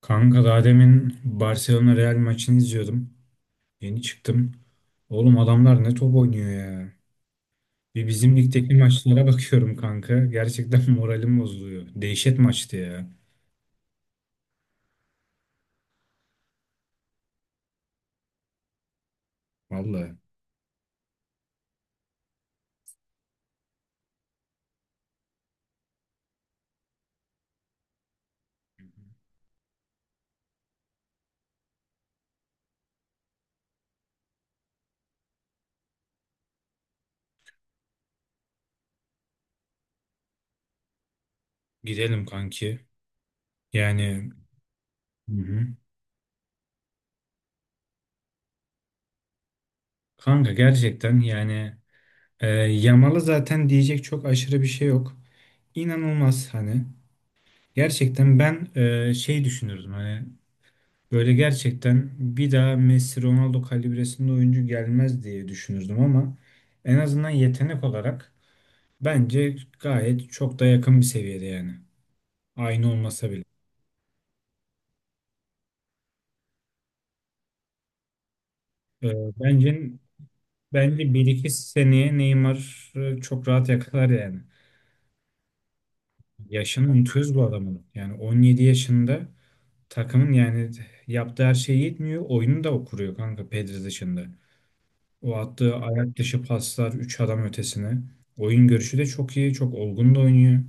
Kanka daha demin Barcelona Real maçını izliyordum. Yeni çıktım. Oğlum adamlar ne top oynuyor ya. Bir bizim ligdeki maçlara bakıyorum kanka. Gerçekten moralim bozuluyor. Dehşet maçtı ya. Vallahi. Gidelim kanki. Yani. Hı hı. Kanka gerçekten yani Yamal'a zaten diyecek çok aşırı bir şey yok. İnanılmaz hani. Gerçekten ben düşünürdüm hani böyle gerçekten bir daha Messi Ronaldo kalibresinde oyuncu gelmez diye düşünürdüm ama en azından yetenek olarak bence gayet çok da yakın bir seviyede yani. Aynı olmasa bile. Ee, bence bence bir iki seneye Neymar çok rahat yakalar yani. Yaşını unutuyoruz bu adamın. Yani 17 yaşında takımın yani yaptığı her şey yetmiyor. Oyunu da kuruyor kanka Pedri dışında. O attığı ayak dışı paslar 3 adam ötesine. Oyun görüşü de çok iyi. Çok olgun da oynuyor.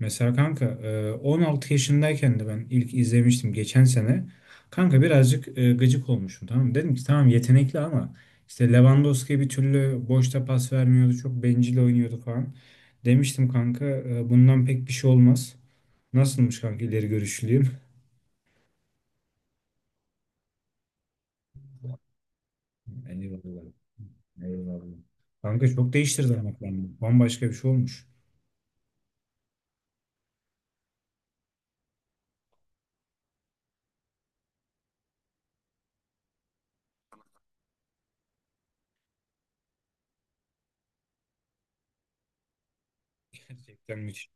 Mesela kanka 16 yaşındayken de ben ilk izlemiştim geçen sene. Kanka birazcık gıcık olmuşum, tamam mı? Dedim ki tamam yetenekli ama işte Lewandowski bir türlü boşta pas vermiyordu. Çok bencil oynuyordu falan. Demiştim kanka bundan pek bir şey olmaz. Nasılmış kanka, ileri görüşlüyüm? Eyvallah. Eyvallah. Kanka çok değiştirdi ama kendini. Bambaşka bir şey olmuş. Gerçekten müthiş.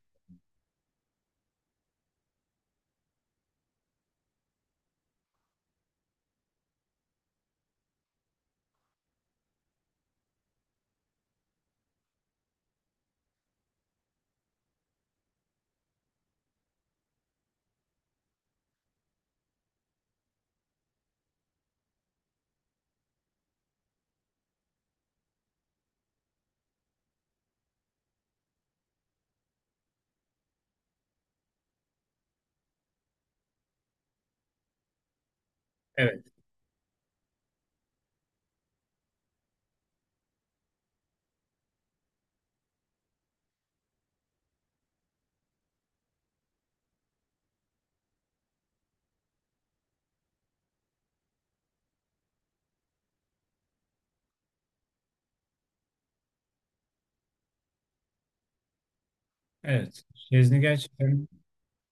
Evet. Şezni gerçekten.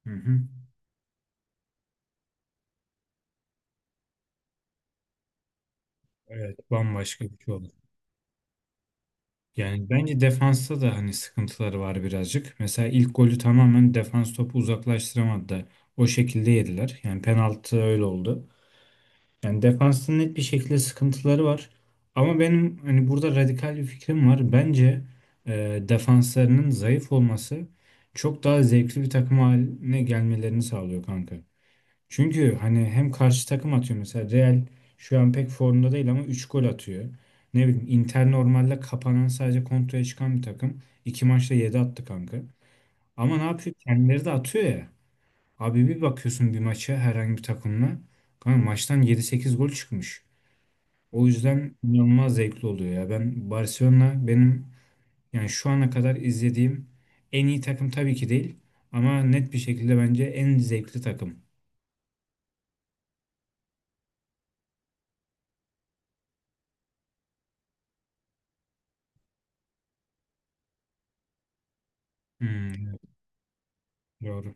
Hı hı. Evet, bambaşka bir şey olur. Yani bence defansta da hani sıkıntıları var birazcık. Mesela ilk golü tamamen defans topu uzaklaştıramadı da o şekilde yediler. Yani penaltı öyle oldu. Yani defansta net bir şekilde sıkıntıları var. Ama benim hani burada radikal bir fikrim var. Bence defanslarının zayıf olması çok daha zevkli bir takım haline gelmelerini sağlıyor kanka. Çünkü hani hem karşı takım atıyor, mesela Real şu an pek formda değil ama 3 gol atıyor. Ne bileyim Inter normalde kapanan, sadece kontraya çıkan bir takım. İki maçta 7 attı kanka. Ama ne yapıyor? Kendileri de atıyor ya. Abi bir bakıyorsun bir maça herhangi bir takımla. Kanka maçtan yedi sekiz gol çıkmış. O yüzden inanılmaz zevkli oluyor ya. Ben Barcelona benim yani şu ana kadar izlediğim en iyi takım tabii ki değil. Ama net bir şekilde bence en zevkli takım. Hmm, doğru.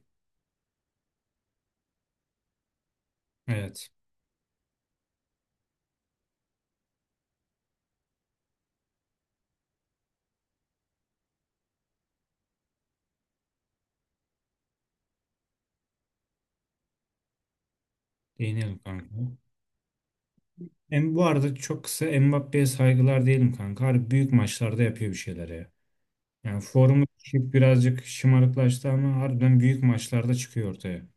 Evet. Değinelim kanka. Bu arada çok kısa Mbappé'ye saygılar diyelim kanka. Harbi büyük maçlarda yapıyor bir şeyleri ya. Yani formu düşük, birazcık şımarıklaştı ama harbiden büyük maçlarda çıkıyor ortaya.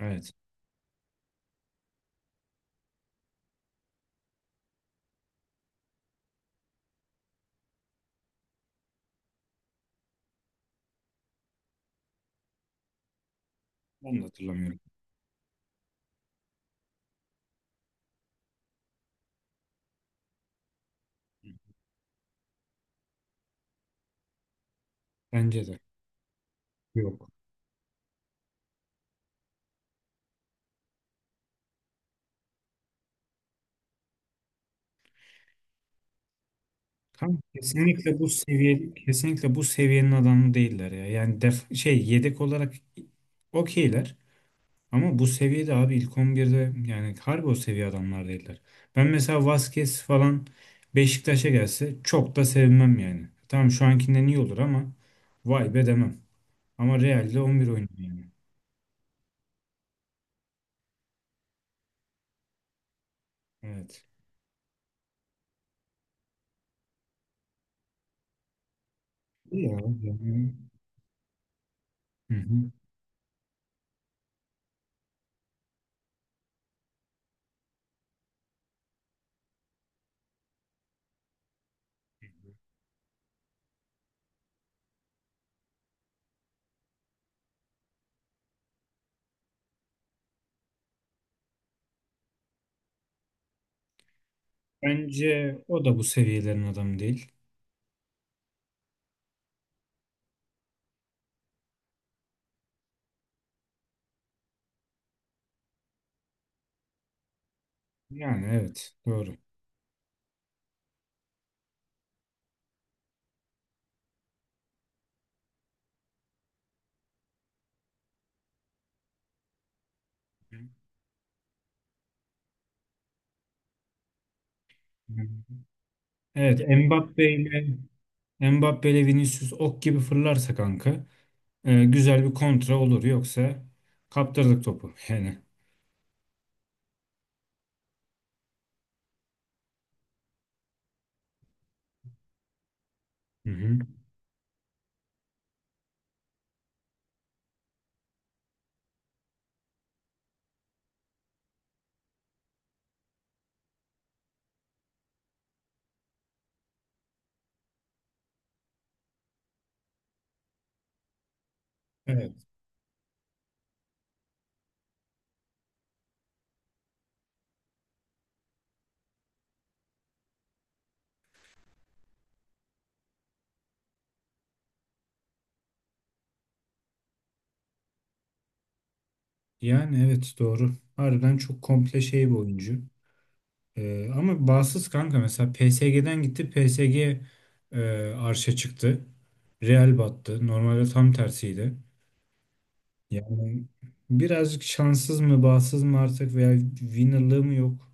Evet. Ben de hatırlamıyorum. Bence de. Yok. Kanka kesinlikle bu seviye, kesinlikle bu seviyenin adamı değiller ya. Yani def şey yedek olarak okeyler. Ama bu seviyede abi ilk 11'de yani harbi o seviye adamlar değiller. Ben mesela Vasquez falan Beşiktaş'a gelse çok da sevinmem yani. Tamam şu ankinden iyi olur ama vay be demem. Ama Real'de 11 oynuyor yani. Evet. İyi ya. Ya. Hı hı. Bence o da bu seviyelerin adamı değil. Yani evet doğru. Hı hı. Evet, Mbappe ile Vinicius ok gibi fırlarsa kanka güzel bir kontra olur yoksa kaptırdık topu yani. Hı hı. Evet. Yani evet doğru. Harbiden çok komple şey bir oyuncu. Ama bağımsız kanka mesela PSG'den gitti, PSG e, arşa çıktı. Real battı. Normalde tam tersiydi. Yani birazcık şanssız mı, bağımsız mı artık, veya winnerlığı mı yok.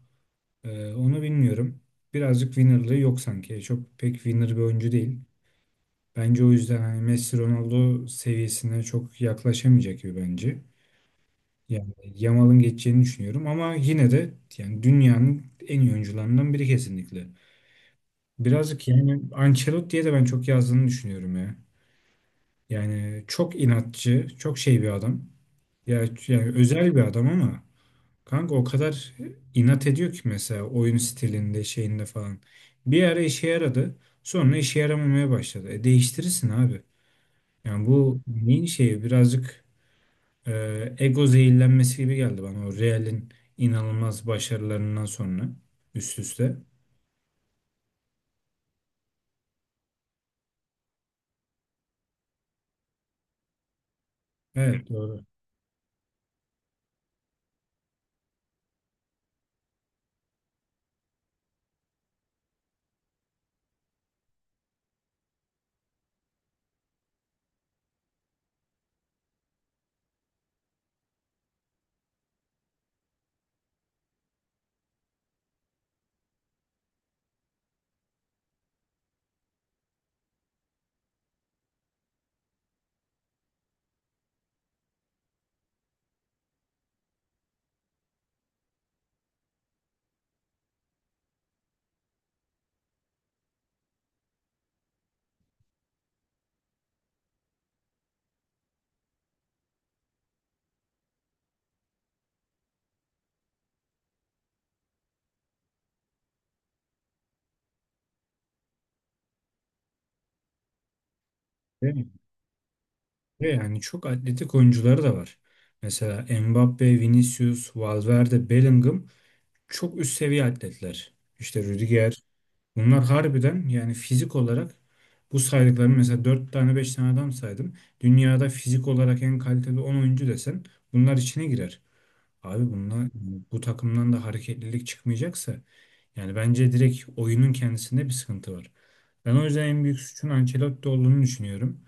Onu bilmiyorum. Birazcık winnerlığı yok sanki. Çok pek winner bir oyuncu değil. Bence o yüzden hani Messi Ronaldo seviyesine çok yaklaşamayacak gibi bence. Yani Yamal'ın geçeceğini düşünüyorum ama yine de yani dünyanın en iyi oyuncularından biri, kesinlikle. Birazcık yani Ancelotti'ye de ben çok yazdığını düşünüyorum ya. Yani çok inatçı, çok şey bir adam. Ya yani özel bir adam ama kanka o kadar inat ediyor ki mesela oyun stilinde, şeyinde falan. Bir ara işe yaradı, sonra işe yaramamaya başladı. E, değiştirirsin abi. Yani bu neyin şeyi birazcık. Ego zehirlenmesi gibi geldi bana, o Real'in inanılmaz başarılarından sonra üst üste. Evet doğru. Değil mi? Ve yani çok atletik oyuncuları da var. Mesela Mbappe, Vinicius, Valverde, Bellingham çok üst seviye atletler. İşte Rüdiger. Bunlar harbiden yani fizik olarak, bu saydıklarım mesela 4 tane 5 tane adam saydım. Dünyada fizik olarak en kaliteli 10 oyuncu desen bunlar içine girer. Abi bunlar, bu takımdan da hareketlilik çıkmayacaksa yani bence direkt oyunun kendisinde bir sıkıntı var. Ben o yüzden en büyük suçun Ancelotti olduğunu düşünüyorum.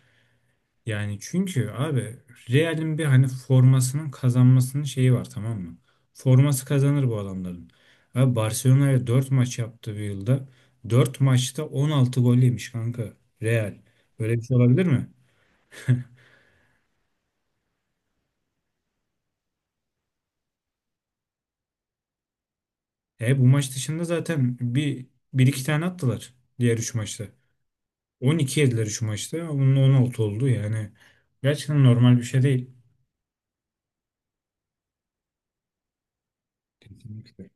Yani çünkü abi Real'in bir hani formasının kazanmasının şeyi var, tamam mı? Forması kazanır bu adamların. Abi Barcelona'ya 4 maç yaptı bir yılda. Dört maçta 16 gol yemiş kanka Real. Böyle bir şey olabilir mi? E, bu maç dışında zaten bir iki tane attılar diğer 3 maçta. 12 yediler 3 maçta. Bunun 16 oldu yani. Gerçekten normal bir şey değil. Kesinlikle.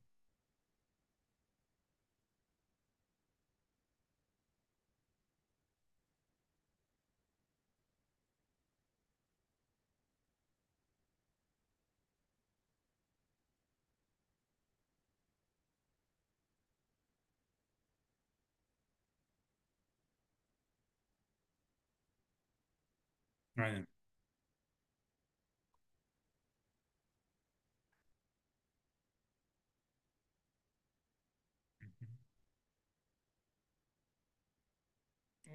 Aynen.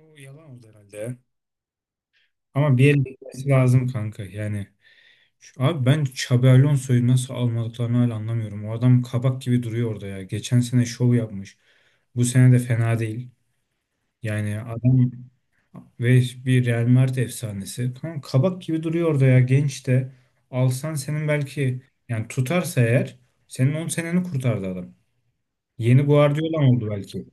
O yalan oldu herhalde ya. Ama bir yere gitmesi lazım kanka. Yani abi ben Xabi Alonso'yu nasıl almadıklarını hala anlamıyorum. O adam kabak gibi duruyor orada ya. Geçen sene şov yapmış. Bu sene de fena değil. Yani adam ve bir Real Madrid efsanesi. Kanka kabak gibi duruyor orada ya. Genç de. Alsan senin belki yani, tutarsa eğer, senin 10 seneni kurtardı adam. Yeni Guardiola oldu belki.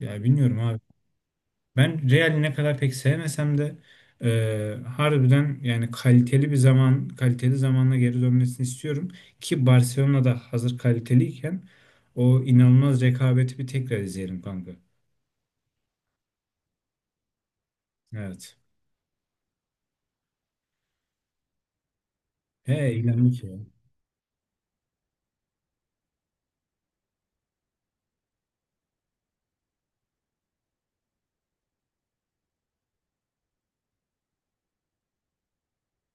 Ya bilmiyorum abi. Ben Real'i ne kadar pek sevmesem de harbiden yani kaliteli bir zaman, kaliteli zamanla geri dönmesini istiyorum. Ki Barcelona'da hazır kaliteliyken o inanılmaz rekabeti bir tekrar izleyelim kanka. Evet. He, eğlendik ya.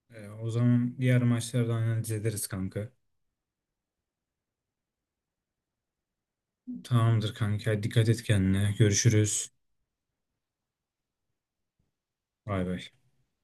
O zaman diğer maçları da analiz ederiz kanka. Tamamdır kanka. Dikkat et kendine. Görüşürüz. Bay bay.